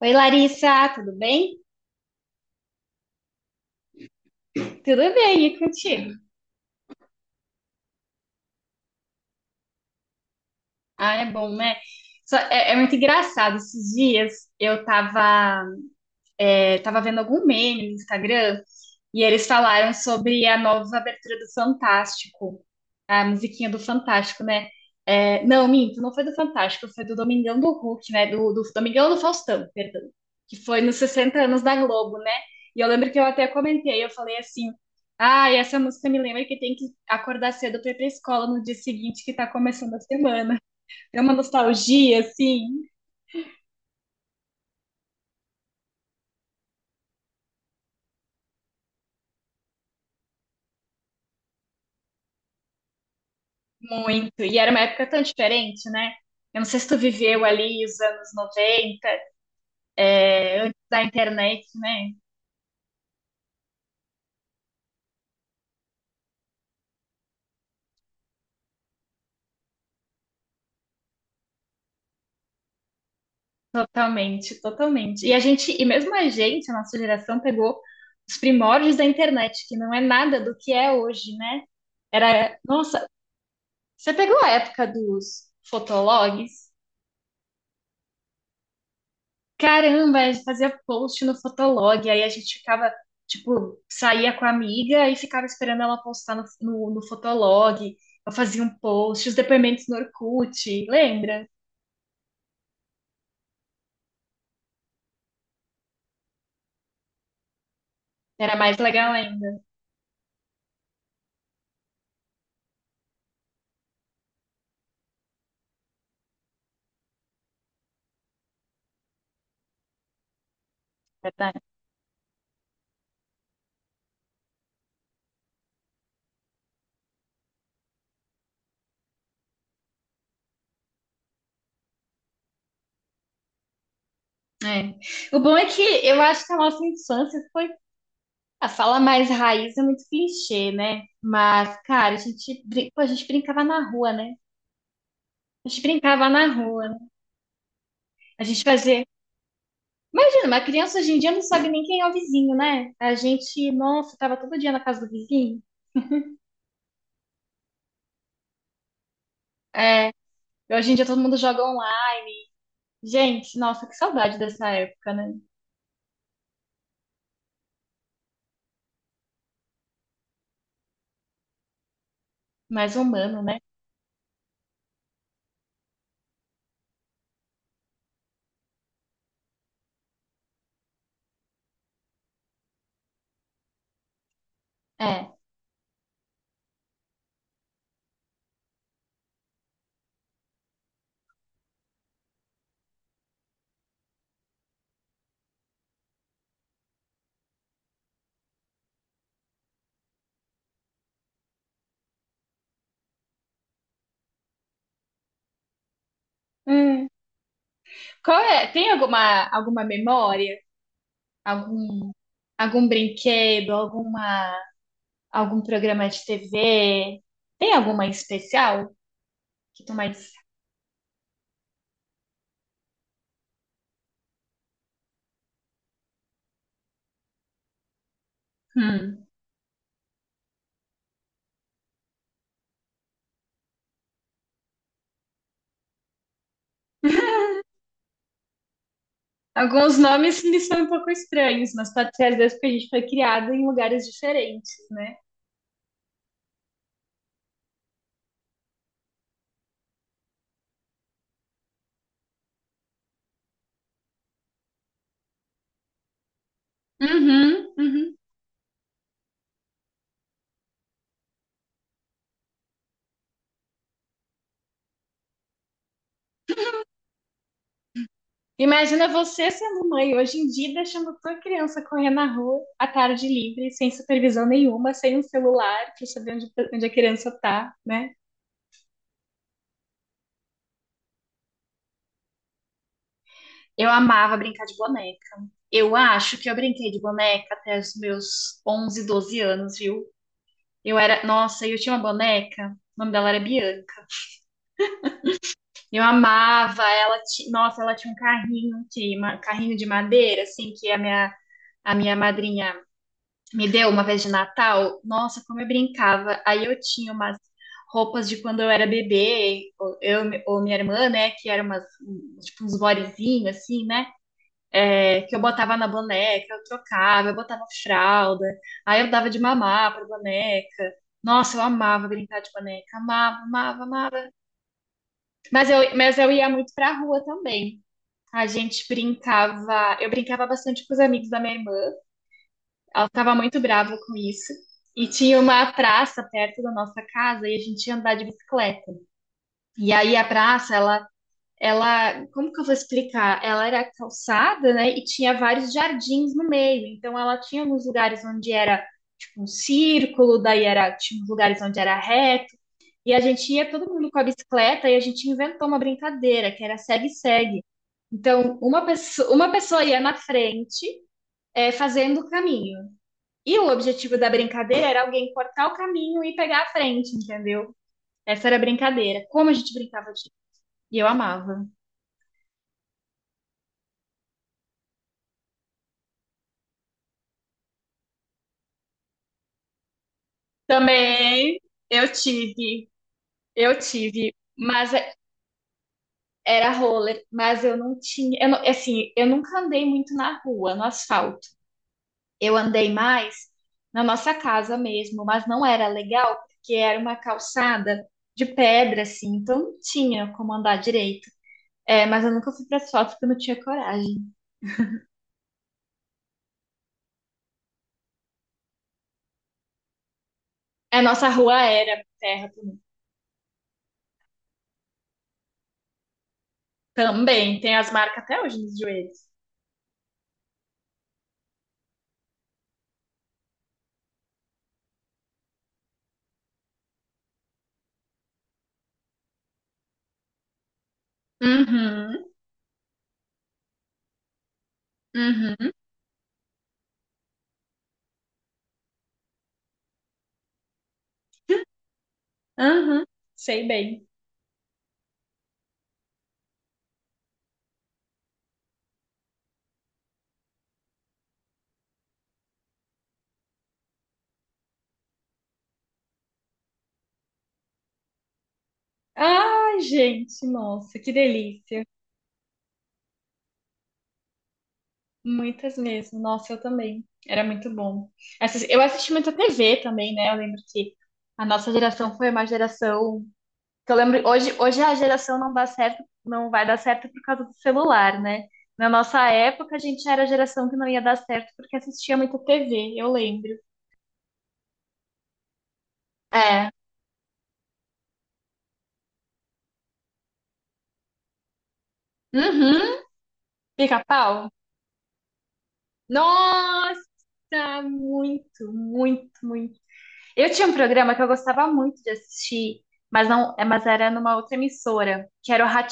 Oi, Larissa, tudo bem? Tudo bem, e contigo? Ah, é bom, né? É muito engraçado. Esses dias eu tava tava vendo algum meme no Instagram e eles falaram sobre a nova abertura do Fantástico, a musiquinha do Fantástico, né? Não, minto, não foi do Fantástico, foi do Domingão do Hulk, né? Do Domingão do Faustão, perdão, que foi nos 60 anos da Globo, né? E eu lembro que eu até comentei, eu falei assim, ah, e essa música me lembra que tem que acordar cedo para ir para escola no dia seguinte que tá começando a semana. É uma nostalgia, assim. Muito. E era uma época tão diferente, né? Eu não sei se tu viveu ali os anos 90 da internet, né? Totalmente, totalmente. E a gente, e mesmo a gente, a nossa geração pegou os primórdios da internet, que não é nada do que é hoje, né? Era, nossa, você pegou a época dos fotologs? Caramba, a gente fazia post no Fotolog, aí a gente ficava, tipo, saía com a amiga e ficava esperando ela postar no Fotolog. Eu fazia um post, os depoimentos no Orkut, lembra? Era mais legal ainda. Verdade. É. O bom é que eu acho que a nossa infância foi. A fala mais raiz é muito clichê, né? Mas, cara, a gente brincava na rua, né? A gente brincava na rua, né? A gente fazia. Imagina, uma criança hoje em dia não sabe nem quem é o vizinho, né? A gente, nossa, tava todo dia na casa do vizinho. É, e hoje em dia todo mundo joga online. Gente, nossa, que saudade dessa época, né? Mais humano, né? É. Hum. Qual é? Tem alguma, alguma memória? Algum, algum brinquedo? Alguma, algum programa de TV? Tem alguma em especial que tu mais... Hum. Alguns nomes me são um pouco estranhos, mas pode ser às vezes porque a gente foi criado em lugares diferentes. Uhum, uhum. Imagina você sendo mãe hoje em dia, deixando tua criança correr na rua à tarde livre, sem supervisão nenhuma, sem um celular pra saber onde, onde a criança tá, né? Eu amava brincar de boneca. Eu acho que eu brinquei de boneca até os meus 11 12 anos, viu? Eu era, nossa, eu tinha uma boneca, o nome dela era Bianca. Eu amava ela, nossa, ela tinha um carrinho, carrinho de madeira, assim, que a minha madrinha me deu uma vez de Natal, nossa, como eu brincava. Aí eu tinha umas roupas de quando eu era bebê, ou minha irmã, né, que eram tipo uns bodyzinhos, assim, né, que eu botava na boneca, eu trocava, eu botava fralda, aí eu dava de mamar pra boneca. Nossa, eu amava brincar de boneca, amava, amava, amava. Mas eu ia muito pra rua também. A gente brincava, eu brincava bastante com os amigos da minha irmã. Ela estava muito brava com isso. E tinha uma praça perto da nossa casa e a gente ia andar de bicicleta. E aí a praça, ela, como que eu vou explicar? Ela era calçada, né? E tinha vários jardins no meio. Então ela tinha alguns lugares onde era tipo um círculo, daí era tinha uns lugares onde era reto. E a gente ia todo mundo com a bicicleta e a gente inventou uma brincadeira que era segue-segue. Então, uma pessoa ia na frente, fazendo o caminho. E o objetivo da brincadeira era alguém cortar o caminho e pegar a frente, entendeu? Essa era a brincadeira. Como a gente brincava disso. E eu amava. Também eu tive, eu tive, era roller, mas eu não tinha, eu não- assim, eu nunca andei muito na rua, no asfalto. Eu andei mais na nossa casa mesmo, mas não era legal porque era uma calçada de pedra assim, então não tinha como andar direito. É, mas eu nunca fui para asfalto porque eu não tinha coragem. É, nossa rua era terra também. Tem as marcas até hoje nos joelhos. Uhum, uhum, uhum. Sei bem. Ai, gente, nossa, que delícia. Muitas mesmo. Nossa, eu também. Era muito bom. Eu assisti muita TV também, né? Eu lembro que a nossa geração foi uma geração que eu lembro hoje, hoje a geração não dá certo, não vai dar certo por causa do celular, né? Na nossa época, a gente era a geração que não ia dar certo porque assistia muito TV, eu lembro. É. Uhum. Pica-pau? Nossa, muito, muito, muito. Eu tinha um programa que eu gostava muito de assistir, mas não, é, mas era numa outra emissora, que era o rá.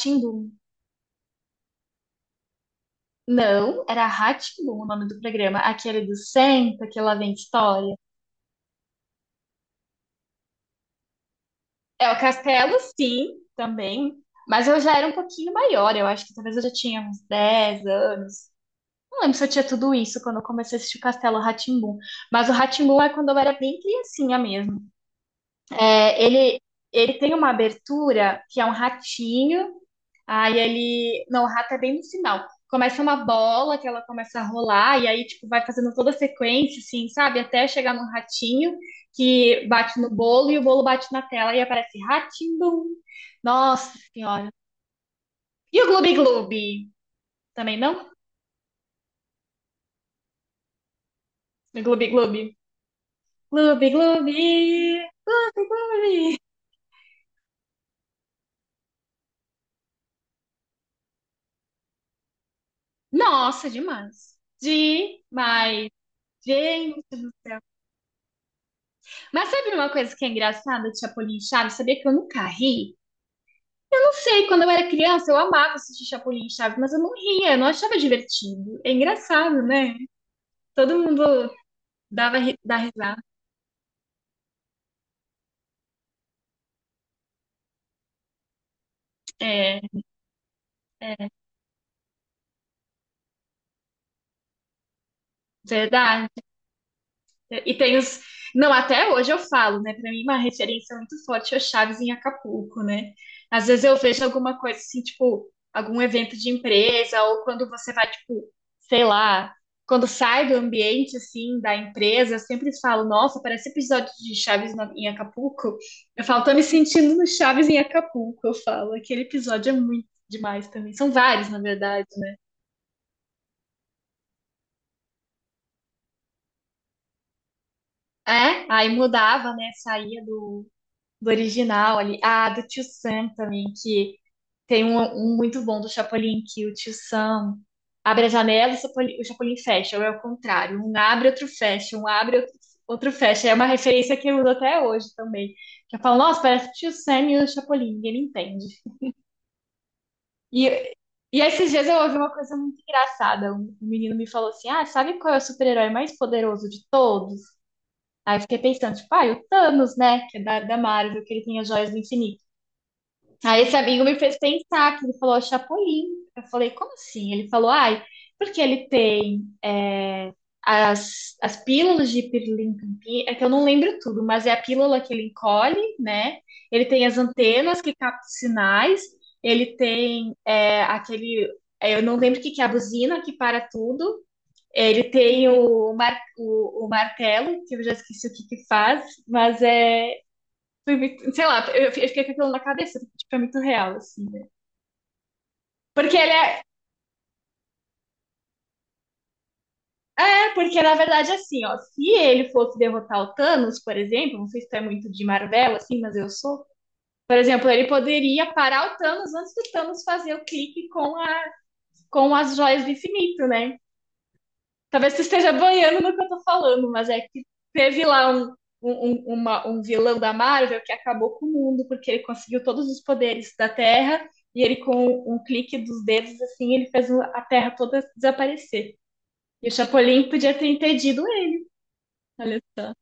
Não, era rá o nome do programa, aquele do Senta, que lá vem história. É o Castelo, sim, também, mas eu já era um pouquinho maior, eu acho que talvez eu já tinha uns 10 anos. Não lembro se eu tinha tudo isso quando eu comecei a assistir o Castelo rá, mas o rá é quando eu era bem criancinha mesmo. É, ele, ele tem uma abertura que é um ratinho. Aí ele. Não, o rato é bem no final. Começa uma bola que ela começa a rolar, e aí, tipo, vai fazendo toda a sequência, assim, sabe? Até chegar num ratinho que bate no bolo e o bolo bate na tela e aparece ratim-bum. Nossa senhora. E o Gloob Gloob? Também não? O Gloob Gloob. Gloob Gloob. Nossa, demais. Demais. Gente do céu. Mas sabe uma coisa que é engraçada de Chapolin e Chaves? Sabia que eu nunca ri? Eu não sei, quando eu era criança eu amava assistir Chapolin e Chaves, mas eu não ria, eu não achava divertido. É engraçado, né? Todo mundo dá risada. É, é, verdade. E tem os. Não, até hoje eu falo, né? Pra mim, uma referência muito forte é o Chaves em Acapulco, né? Às vezes eu vejo alguma coisa assim, tipo, algum evento de empresa, ou quando você vai, tipo, sei lá, quando sai do ambiente, assim, da empresa, eu sempre falo, nossa, parece episódio de em Acapulco. Eu falo, tô me sentindo no Chaves em Acapulco, eu falo. Aquele episódio é muito demais também. São vários, na verdade. É, aí mudava, né? Saía do original ali. Ah, do Tio Sam também, que tem um, um muito bom do Chapolin, que o Tio Sam abre a janela e o Chapolin fecha, ou é o contrário. Um abre, outro fecha, um abre, outro fecha. É uma referência que eu uso até hoje também. Que eu falo, nossa, parece o Tio Sam e o Chapolin, ninguém me entende. E, e esses dias eu ouvi uma coisa muito engraçada. Um menino me falou assim: ah, sabe qual é o super-herói mais poderoso de todos? Aí eu fiquei pensando, tipo, ah, e o Thanos, né? Que é da Marvel, que ele tem as joias do infinito. Aí esse amigo me fez pensar que ele falou Chapolin. Eu falei, como assim? Ele falou, ai, porque as, as pílulas de pirlimpimpim, é que eu não lembro tudo, mas é a pílula que ele encolhe, né? Ele tem as antenas que captam sinais, ele tem é, aquele, é, eu não lembro o que que é a buzina que para tudo, ele tem o martelo, que eu já esqueci o que que faz, mas é. Sei lá, eu fiquei com aquilo na cabeça, tipo, é muito real, assim, né? Porque ele é, porque na verdade, é assim, ó, se ele fosse derrotar o Thanos, por exemplo, não sei se tu é muito de Marvel, assim, mas eu sou. Por exemplo, ele poderia parar o Thanos antes do Thanos fazer o clique com as joias do infinito, né? Talvez tu esteja boiando no que eu tô falando, mas é que teve lá um vilão da Marvel que acabou com o mundo, porque ele conseguiu todos os poderes da Terra, e ele, com um clique dos dedos, assim, ele fez a Terra toda desaparecer. E o Chapolin podia ter impedido ele. Olha só,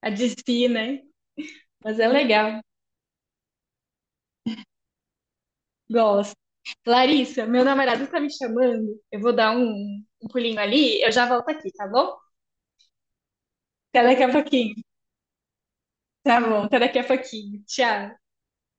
a desfia, né? Mas é legal, gosto. Larissa, meu namorado tá me chamando, eu vou dar um pulinho ali, eu já volto aqui, tá bom? Até daqui a pouquinho. Tá bom, até daqui a pouquinho. Tchau.